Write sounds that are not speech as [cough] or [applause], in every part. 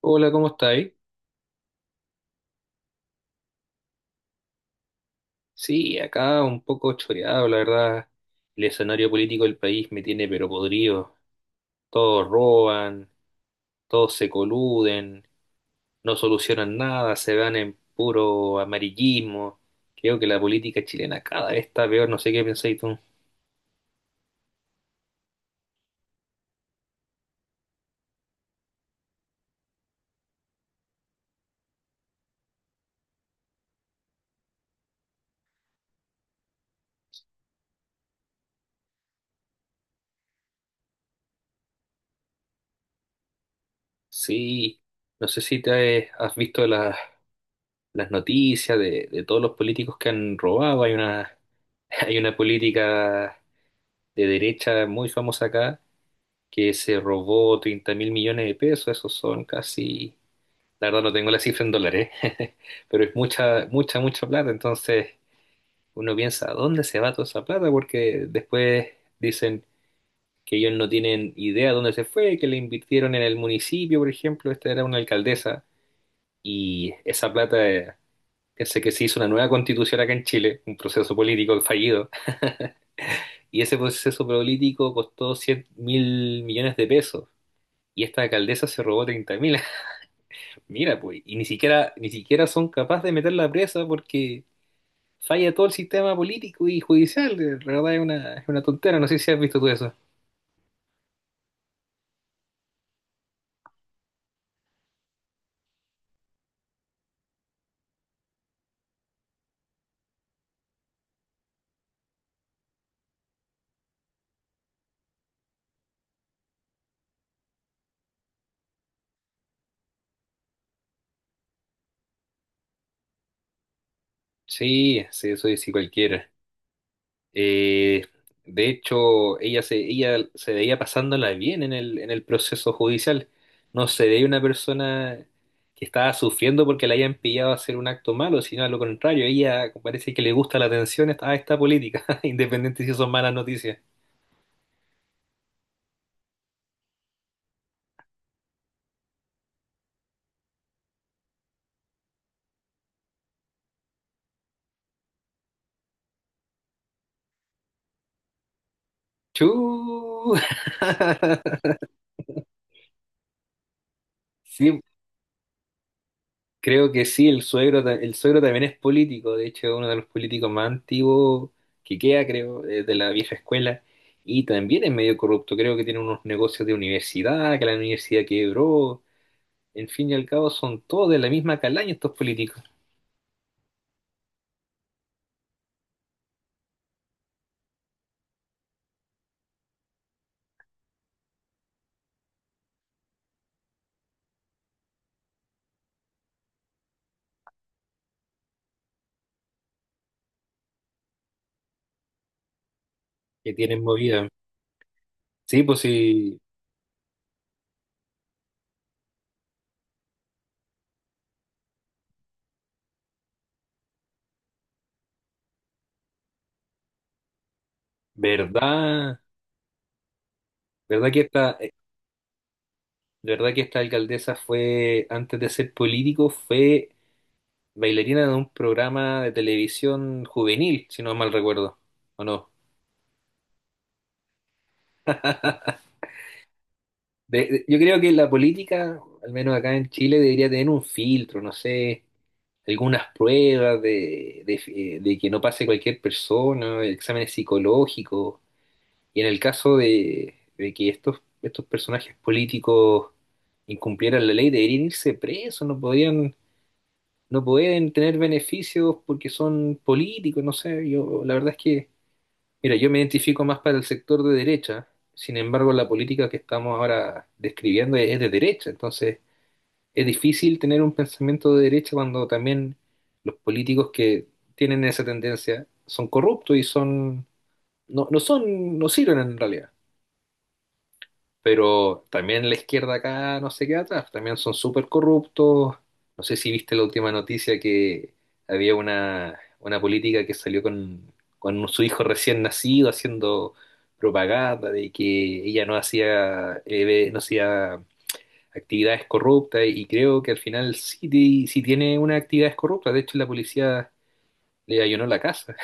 Hola, ¿cómo estáis? Sí, acá un poco choreado, la verdad. El escenario político del país me tiene pero podrido. Todos roban, todos se coluden, no solucionan nada, se van en puro amarillismo. Creo que la política chilena cada vez está peor, no sé qué pensáis tú. Sí, no sé si te has visto las noticias de todos los políticos que han robado. Hay una, [laughs] hay una política de derecha muy famosa acá que se robó 30.000.000.000 de pesos, esos son casi, la verdad no tengo la cifra en dólares, [laughs] pero es mucha, mucha, mucha plata, entonces uno piensa, ¿a dónde se va toda esa plata? Porque después dicen que ellos no tienen idea de dónde se fue, que le invirtieron en el municipio, por ejemplo, esta era una alcaldesa, y esa plata, pensé que se hizo una nueva constitución acá en Chile, un proceso político fallido. [laughs] Y ese proceso político costó 100.000.000.000 de pesos. Y esta alcaldesa se robó 30.000. [laughs] Mira, pues, y ni siquiera, ni siquiera son capaces de meterla presa porque falla todo el sistema político y judicial. De verdad es una tontera. No sé si has visto tú eso. Sí, sí, eso es sí cualquiera. Eh, de hecho, ella se veía pasándola bien en el proceso judicial. No se veía una persona que estaba sufriendo porque la hayan pillado a hacer un acto malo, sino a lo contrario, ella parece que le gusta la atención a esta política, [laughs] independiente si son malas noticias. Chu. [laughs] Sí, creo que sí, el suegro, el suegro también es político, de hecho es uno de los políticos más antiguos que queda, creo, de la vieja escuela, y también es medio corrupto, creo que tiene unos negocios de universidad, que la universidad quebró, en fin y al cabo son todos de la misma calaña estos políticos que tienen movida. Sí, pues sí, verdad, verdad que esta, eh, verdad que esta alcaldesa fue, antes de ser político, fue bailarina de un programa de televisión juvenil, si no mal recuerdo, ¿o no? Yo creo que la política, al menos acá en Chile, debería tener un filtro, no sé, algunas pruebas de, de que no pase cualquier persona, exámenes psicológicos. Y en el caso de que estos, estos personajes políticos incumplieran la ley, deberían irse presos, no podrían, no pueden tener beneficios porque son políticos, no sé, yo la verdad es que. Mira, yo me identifico más para el sector de derecha, sin embargo, la política que estamos ahora describiendo es de derecha, entonces es difícil tener un pensamiento de derecha cuando también los políticos que tienen esa tendencia son corruptos y son no, no son no sirven en realidad. Pero también la izquierda acá no se queda atrás, también son súper corruptos. No sé si viste la última noticia que había una política que salió con su hijo recién nacido haciendo propaganda de que ella no hacía actividades corruptas y creo que al final sí, sí tiene unas actividades corruptas. De hecho, la policía le allanó la casa.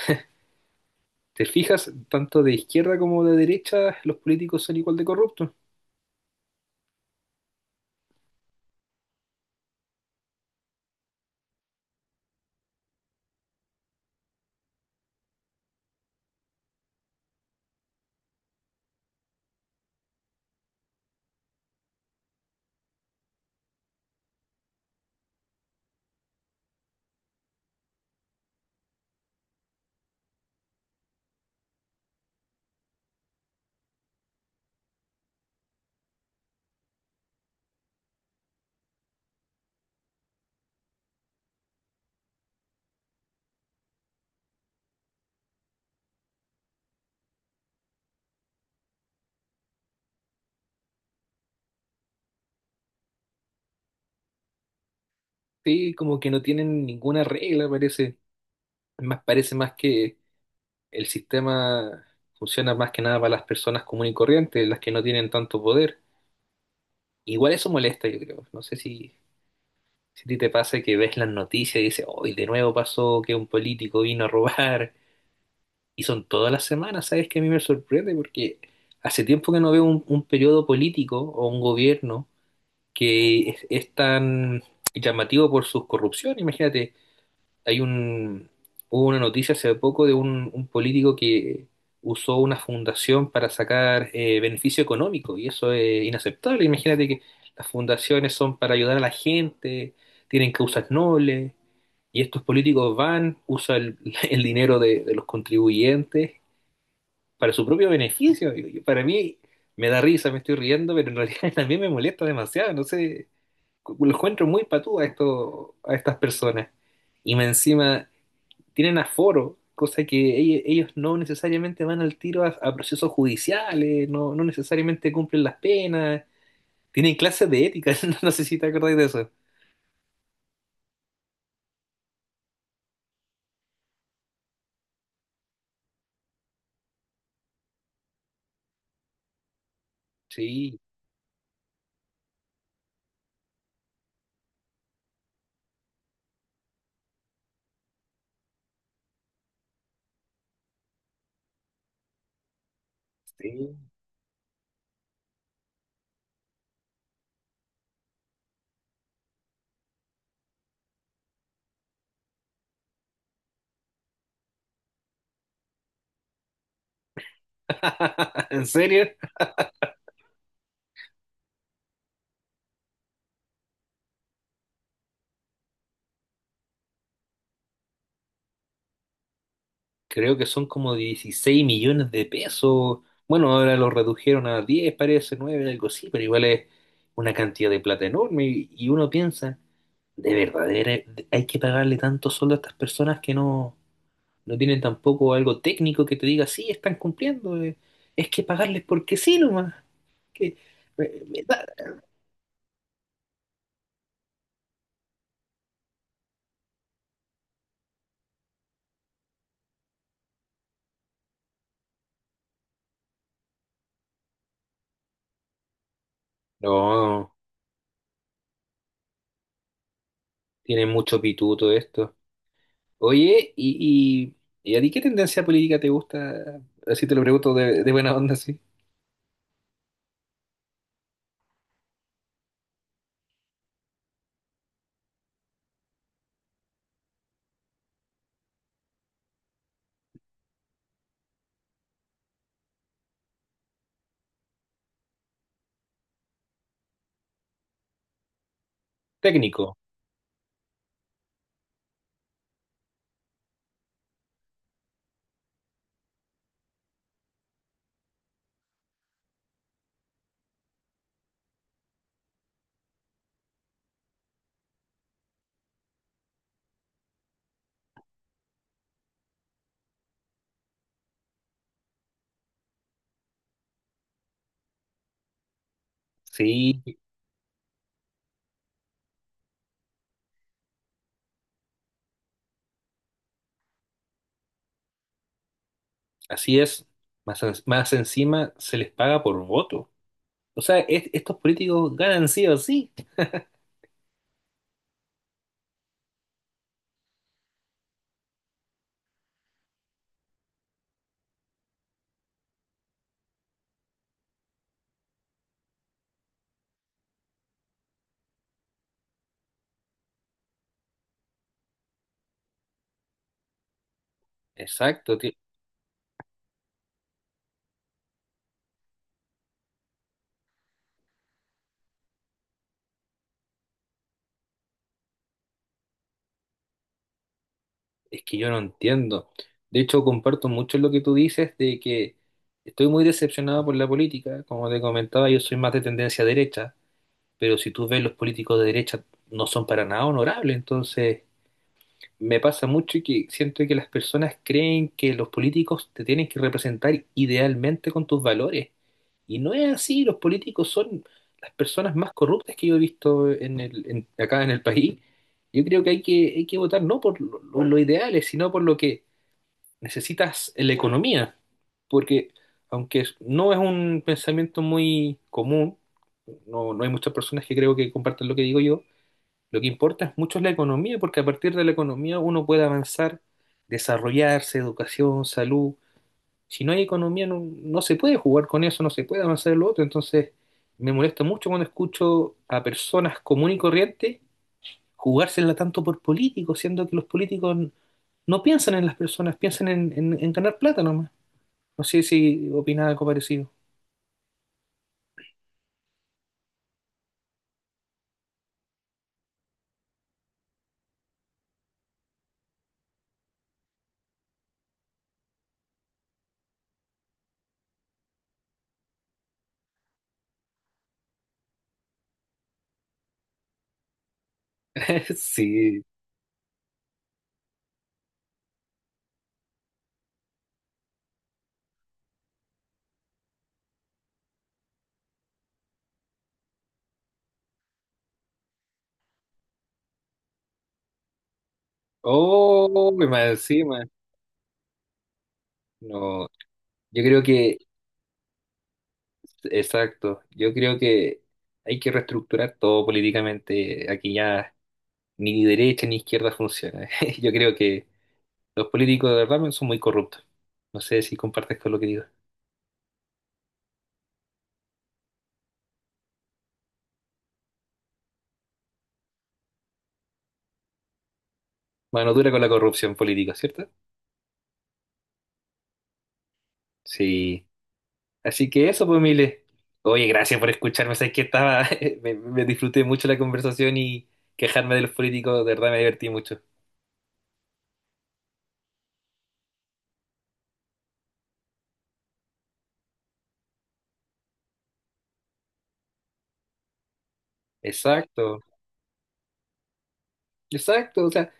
¿Te fijas? Tanto de izquierda como de derecha los políticos son igual de corruptos. Sí, como que no tienen ninguna regla, parece. Parece más que el sistema funciona más que nada para las personas comunes y corrientes, las que no tienen tanto poder. Igual eso molesta, yo creo. No sé si, si a ti te pasa que ves las noticias y dices, hoy de nuevo pasó que un político vino a robar. [laughs] Y son todas las semanas, ¿sabes? Que a mí me sorprende porque hace tiempo que no veo un periodo político o un gobierno que es tan llamativo por sus corrupción. Imagínate. hay un, Hubo una noticia hace poco de un político que usó una fundación para sacar beneficio económico y eso es inaceptable. Imagínate que las fundaciones son para ayudar a la gente, tienen causas nobles y estos políticos van, usan el, [laughs] el dinero de los contribuyentes para su propio beneficio. Y para mí me da risa, me estoy riendo, pero en realidad [laughs] también me molesta demasiado. No sé, lo encuentro muy patú a, esto, a estas personas. Y me encima tienen aforo, cosa que ellos no necesariamente van al tiro a procesos judiciales, no, no necesariamente cumplen las penas, tienen clases de ética, [laughs] no sé si te acordáis de eso. Sí, sí. [laughs] ¿En serio? Creo que son como 16 millones de pesos. Bueno, ahora lo redujeron a 10 parece, 9 algo así, pero igual es una cantidad de plata enorme y uno piensa, de verdad, ¿De hay que pagarle tanto sueldo a estas personas que no no tienen tampoco algo técnico que te diga, sí, están cumpliendo, es que pagarles porque sí nomás. Que, me da. No, tiene mucho pituto esto. Oye, ¿y a ti qué tendencia política te gusta? Así te lo pregunto de buena onda, sí. Técnico, sí, así es. Más encima se les paga por voto. O sea, estos políticos ganan sí o sí. Exacto, es que yo no entiendo. De hecho, comparto mucho lo que tú dices de que estoy muy decepcionado por la política. Como te comentaba, yo soy más de tendencia derecha, pero si tú ves los políticos de derecha no son para nada honorables. Entonces, me pasa mucho que siento que las personas creen que los políticos te tienen que representar idealmente con tus valores. Y no es así. Los políticos son las personas más corruptas que yo he visto en el, acá en el país. Yo creo que hay que, hay que votar no por los ideales, sino por lo que necesitas la economía, porque aunque no es un pensamiento muy común, no, no hay muchas personas que creo que compartan lo que digo yo, lo que importa es mucho la economía, porque a partir de la economía uno puede avanzar, desarrollarse, educación, salud. Si no hay economía, no, no se puede jugar con eso, no se puede avanzar en lo otro. Entonces, me molesta mucho cuando escucho a personas comunes y corrientes jugársela tanto por políticos, siendo que los políticos no piensan en las personas, piensan en ganar plata nomás. No sé si opina algo parecido. [laughs] Sí. Oh, y más encima. No, yo creo que, exacto, yo creo que hay que reestructurar todo políticamente. Aquí ya ni derecha ni izquierda funciona. [laughs] Yo creo que los políticos de verdad son muy corruptos. No sé si compartes con lo que digo. Mano dura con la corrupción política, ¿cierto? Sí. Así que eso, pues, Mile. Oye, gracias por escucharme. Sabes que estaba, [laughs] me disfruté mucho la conversación y quejarme de los políticos, de verdad me divertí mucho. Exacto, exacto. O sea,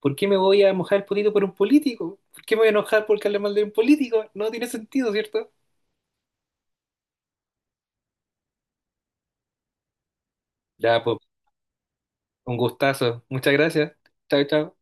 ¿por qué me voy a mojar el potito por un político? ¿Por qué me voy a enojar por hablar mal de un político? No tiene sentido, ¿cierto? Ya, pues, un gustazo. Muchas gracias. Chao, chao.